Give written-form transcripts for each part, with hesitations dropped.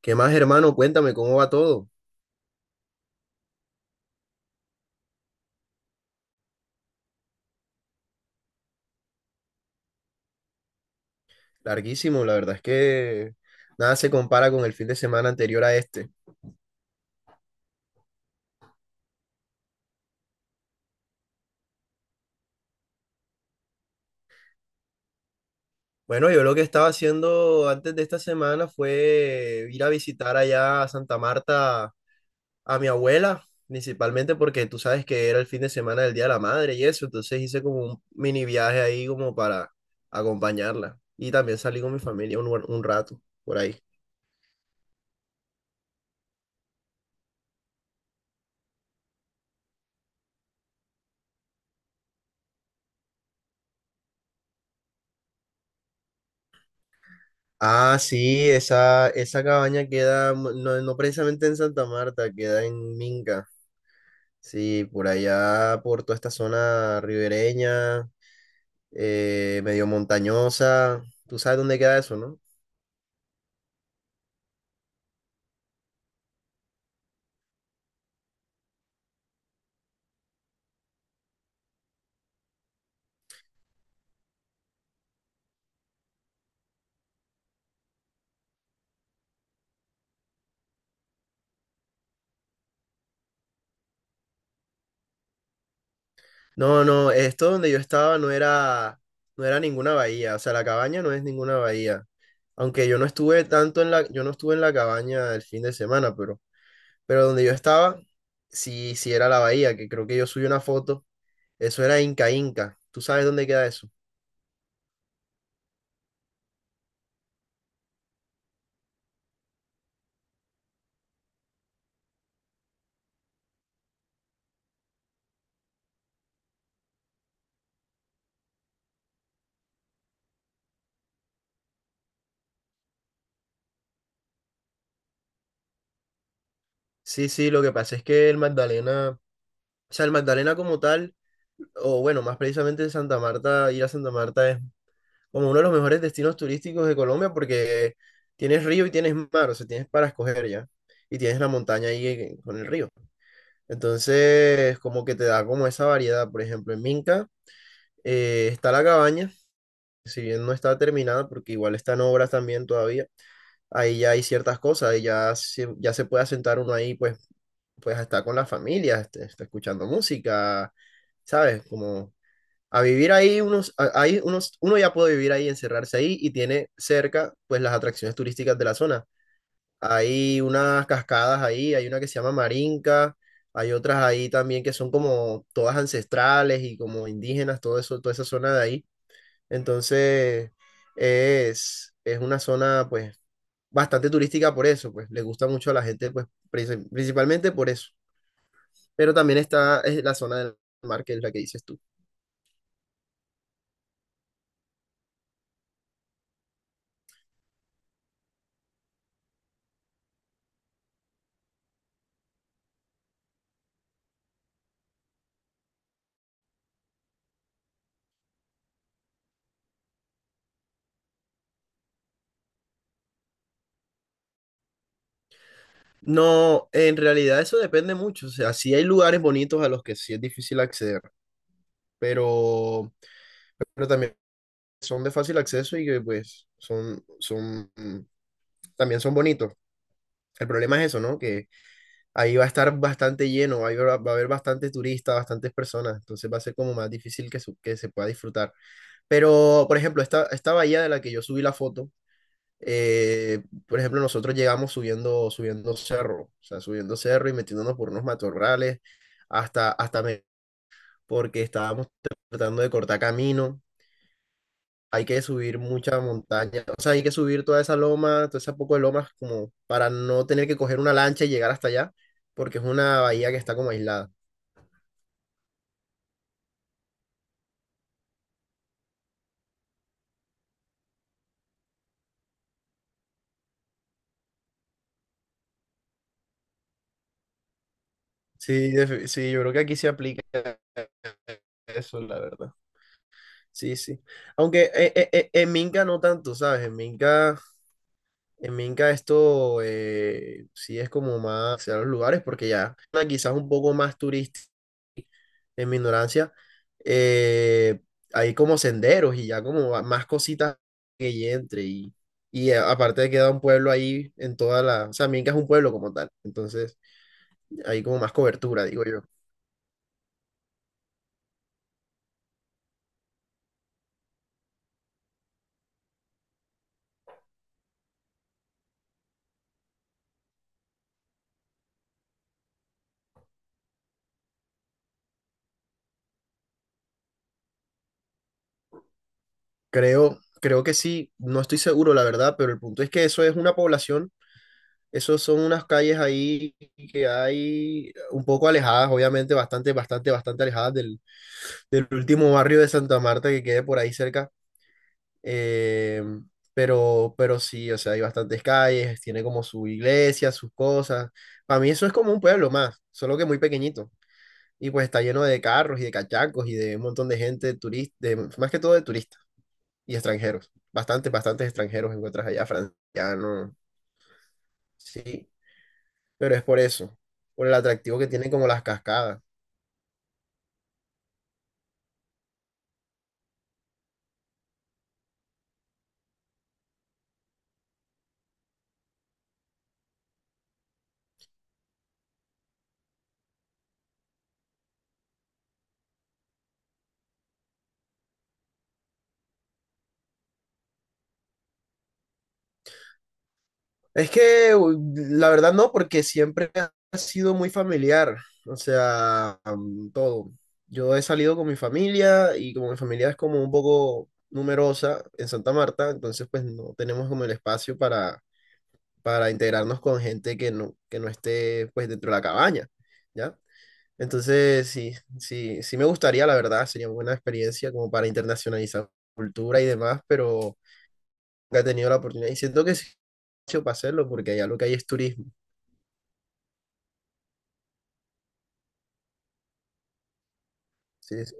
¿Qué más, hermano? Cuéntame cómo va todo. Larguísimo, la verdad es que nada se compara con el fin de semana anterior a este. Bueno, yo lo que estaba haciendo antes de esta semana fue ir a visitar allá a Santa Marta a mi abuela, principalmente porque tú sabes que era el fin de semana del Día de la Madre y eso, entonces hice como un mini viaje ahí como para acompañarla y también salí con mi familia un rato por ahí. Ah, sí, esa cabaña queda, no, no precisamente en Santa Marta, queda en Minca. Sí, por allá, por toda esta zona ribereña, medio montañosa. Tú sabes dónde queda eso, ¿no? No, no, esto donde yo estaba no era, ninguna bahía. O sea, la cabaña no es ninguna bahía. Aunque yo no estuve tanto yo no estuve en la cabaña el fin de semana, pero donde yo estaba, sí, sí era la bahía, que creo que yo subí una foto. Eso era Inca Inca. ¿Tú sabes dónde queda eso? Sí, sí, lo que pasa es que el Magdalena, o sea, el Magdalena como tal, o bueno, más precisamente Santa Marta, ir a Santa Marta es como uno de los mejores destinos turísticos de Colombia porque tienes río y tienes mar, o sea, tienes para escoger ya. Y tienes la montaña ahí con el río. Entonces, como que te da como esa variedad. Por ejemplo, en Minca está la cabaña, si bien no está terminada, porque igual está en obras también todavía ahí ya hay ciertas cosas, ahí ya se, puede asentar uno ahí, pues a estar con la familia, está escuchando música, ¿sabes? Como a vivir ahí unos, a- ahí unos, uno ya puede vivir ahí, encerrarse ahí y tiene cerca pues las atracciones turísticas de la zona. Hay unas cascadas ahí, hay una que se llama Marinka, hay otras ahí también que son como todas ancestrales y como indígenas, todo eso, toda esa zona de ahí. Entonces es una zona pues bastante turística por eso, pues le gusta mucho a la gente pues principalmente por eso, pero también está es la zona del mar, que es la que dices tú. No, en realidad eso depende mucho, o sea, sí hay lugares bonitos a los que sí es difícil acceder, pero, pero, también son de fácil acceso y que pues son también son bonitos. El problema es eso, ¿no? Que ahí va a estar bastante lleno, ahí va a haber bastante turistas, bastantes personas, entonces va a ser como más difícil que se pueda disfrutar. Pero, por ejemplo, esta bahía de la que yo subí la foto, por ejemplo, nosotros llegamos subiendo, subiendo cerro, o sea, subiendo cerro y metiéndonos por unos matorrales hasta, porque estábamos tratando de cortar camino. Hay que subir mucha montaña, o sea, hay que subir toda esa loma, toda esa poco de lomas, como para no tener que coger una lancha y llegar hasta allá, porque es una bahía que está como aislada. Sí, sí, yo creo que aquí se aplica eso, la verdad. Sí, sí. Aunque en Minca no tanto, ¿sabes? En Minca en Minca esto sí es como más a los lugares porque ya quizás un poco más turístico en mi ignorancia. eh, hay como senderos y ya como más cositas que y entre y a- aparte queda un pueblo ahí o sea, Minca es un pueblo como tal. Entonces hay como más cobertura, digo yo. creo, que sí, no estoy seguro la verdad, pero el punto es que eso es una población. Esos son unas calles ahí que hay un poco alejadas, obviamente, bastante, bastante, bastante alejadas del último barrio de Santa Marta que quede por ahí cerca. Eh, pero sí, o sea, hay bastantes calles, tiene como su iglesia, sus cosas. Para mí eso es como un pueblo más, solo que muy pequeñito. Y pues está lleno de carros y de cachacos y de un montón de gente turista, más que todo de turistas y extranjeros. Bastantes, bastantes extranjeros encuentras allá, francianos. Sí, pero es por eso, por el atractivo que tienen como las cascadas. Es que la verdad no, porque siempre ha sido muy familiar, o sea, todo. Yo he salido con mi familia y como mi familia es como un poco numerosa en Santa Marta, entonces pues no tenemos como el espacio para, integrarnos con gente que no esté pues dentro de la cabaña, ¿ya? Entonces sí, sí, sí me gustaría, la verdad, sería una buena experiencia como para internacionalizar cultura y demás, pero nunca he tenido la oportunidad. Y siento que sí hecho para hacerlo, porque allá lo que hay es turismo. Sí, sí.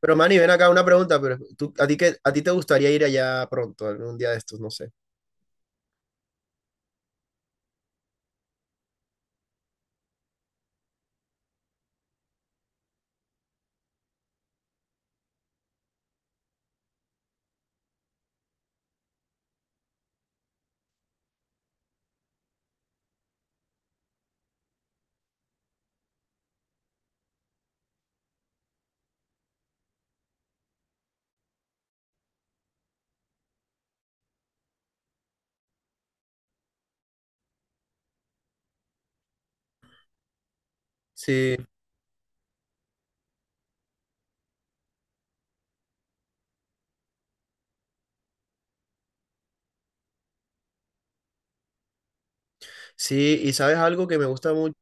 Pero Manny, ven acá una pregunta, pero tú, ¿a ti a ti te gustaría ir allá pronto, algún día de estos? No sé. Sí, sí. ¿Y sabes algo que me gusta mucho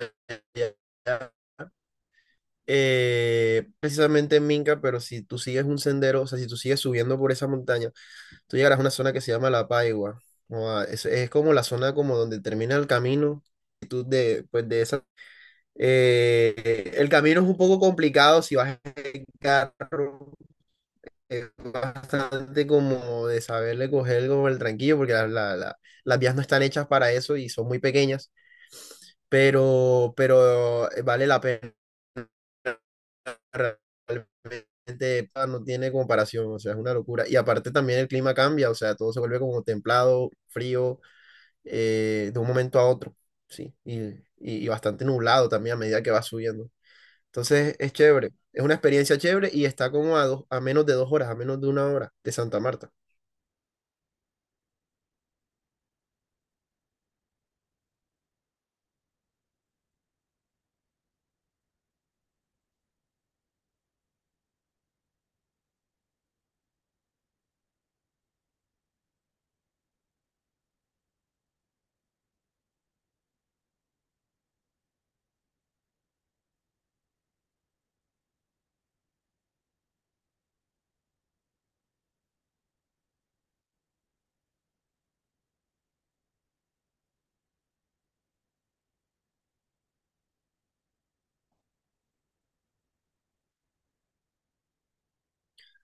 allá? Precisamente en Minca, pero si tú sigues un sendero, o sea, si tú sigues subiendo por esa montaña, tú llegarás a una zona que se llama La Paigua. Es, como la zona como donde termina el camino, pues de esa. El camino es un poco complicado si vas en carro, bastante como de saberle coger como el tranquillo, porque las vías no están hechas para eso y son muy pequeñas, pero vale la pena. Realmente no tiene comparación, o sea, es una locura. Y aparte también el clima cambia, o sea, todo se vuelve como templado, frío, de un momento a otro, sí, y bastante nublado también a medida que vas subiendo. Entonces es chévere, es una experiencia chévere y está como a menos de 2 horas, a menos de 1 hora de Santa Marta.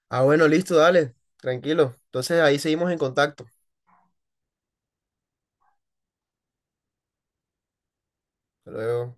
Ah, bueno, listo, dale, tranquilo. Entonces ahí seguimos en contacto. Hasta luego.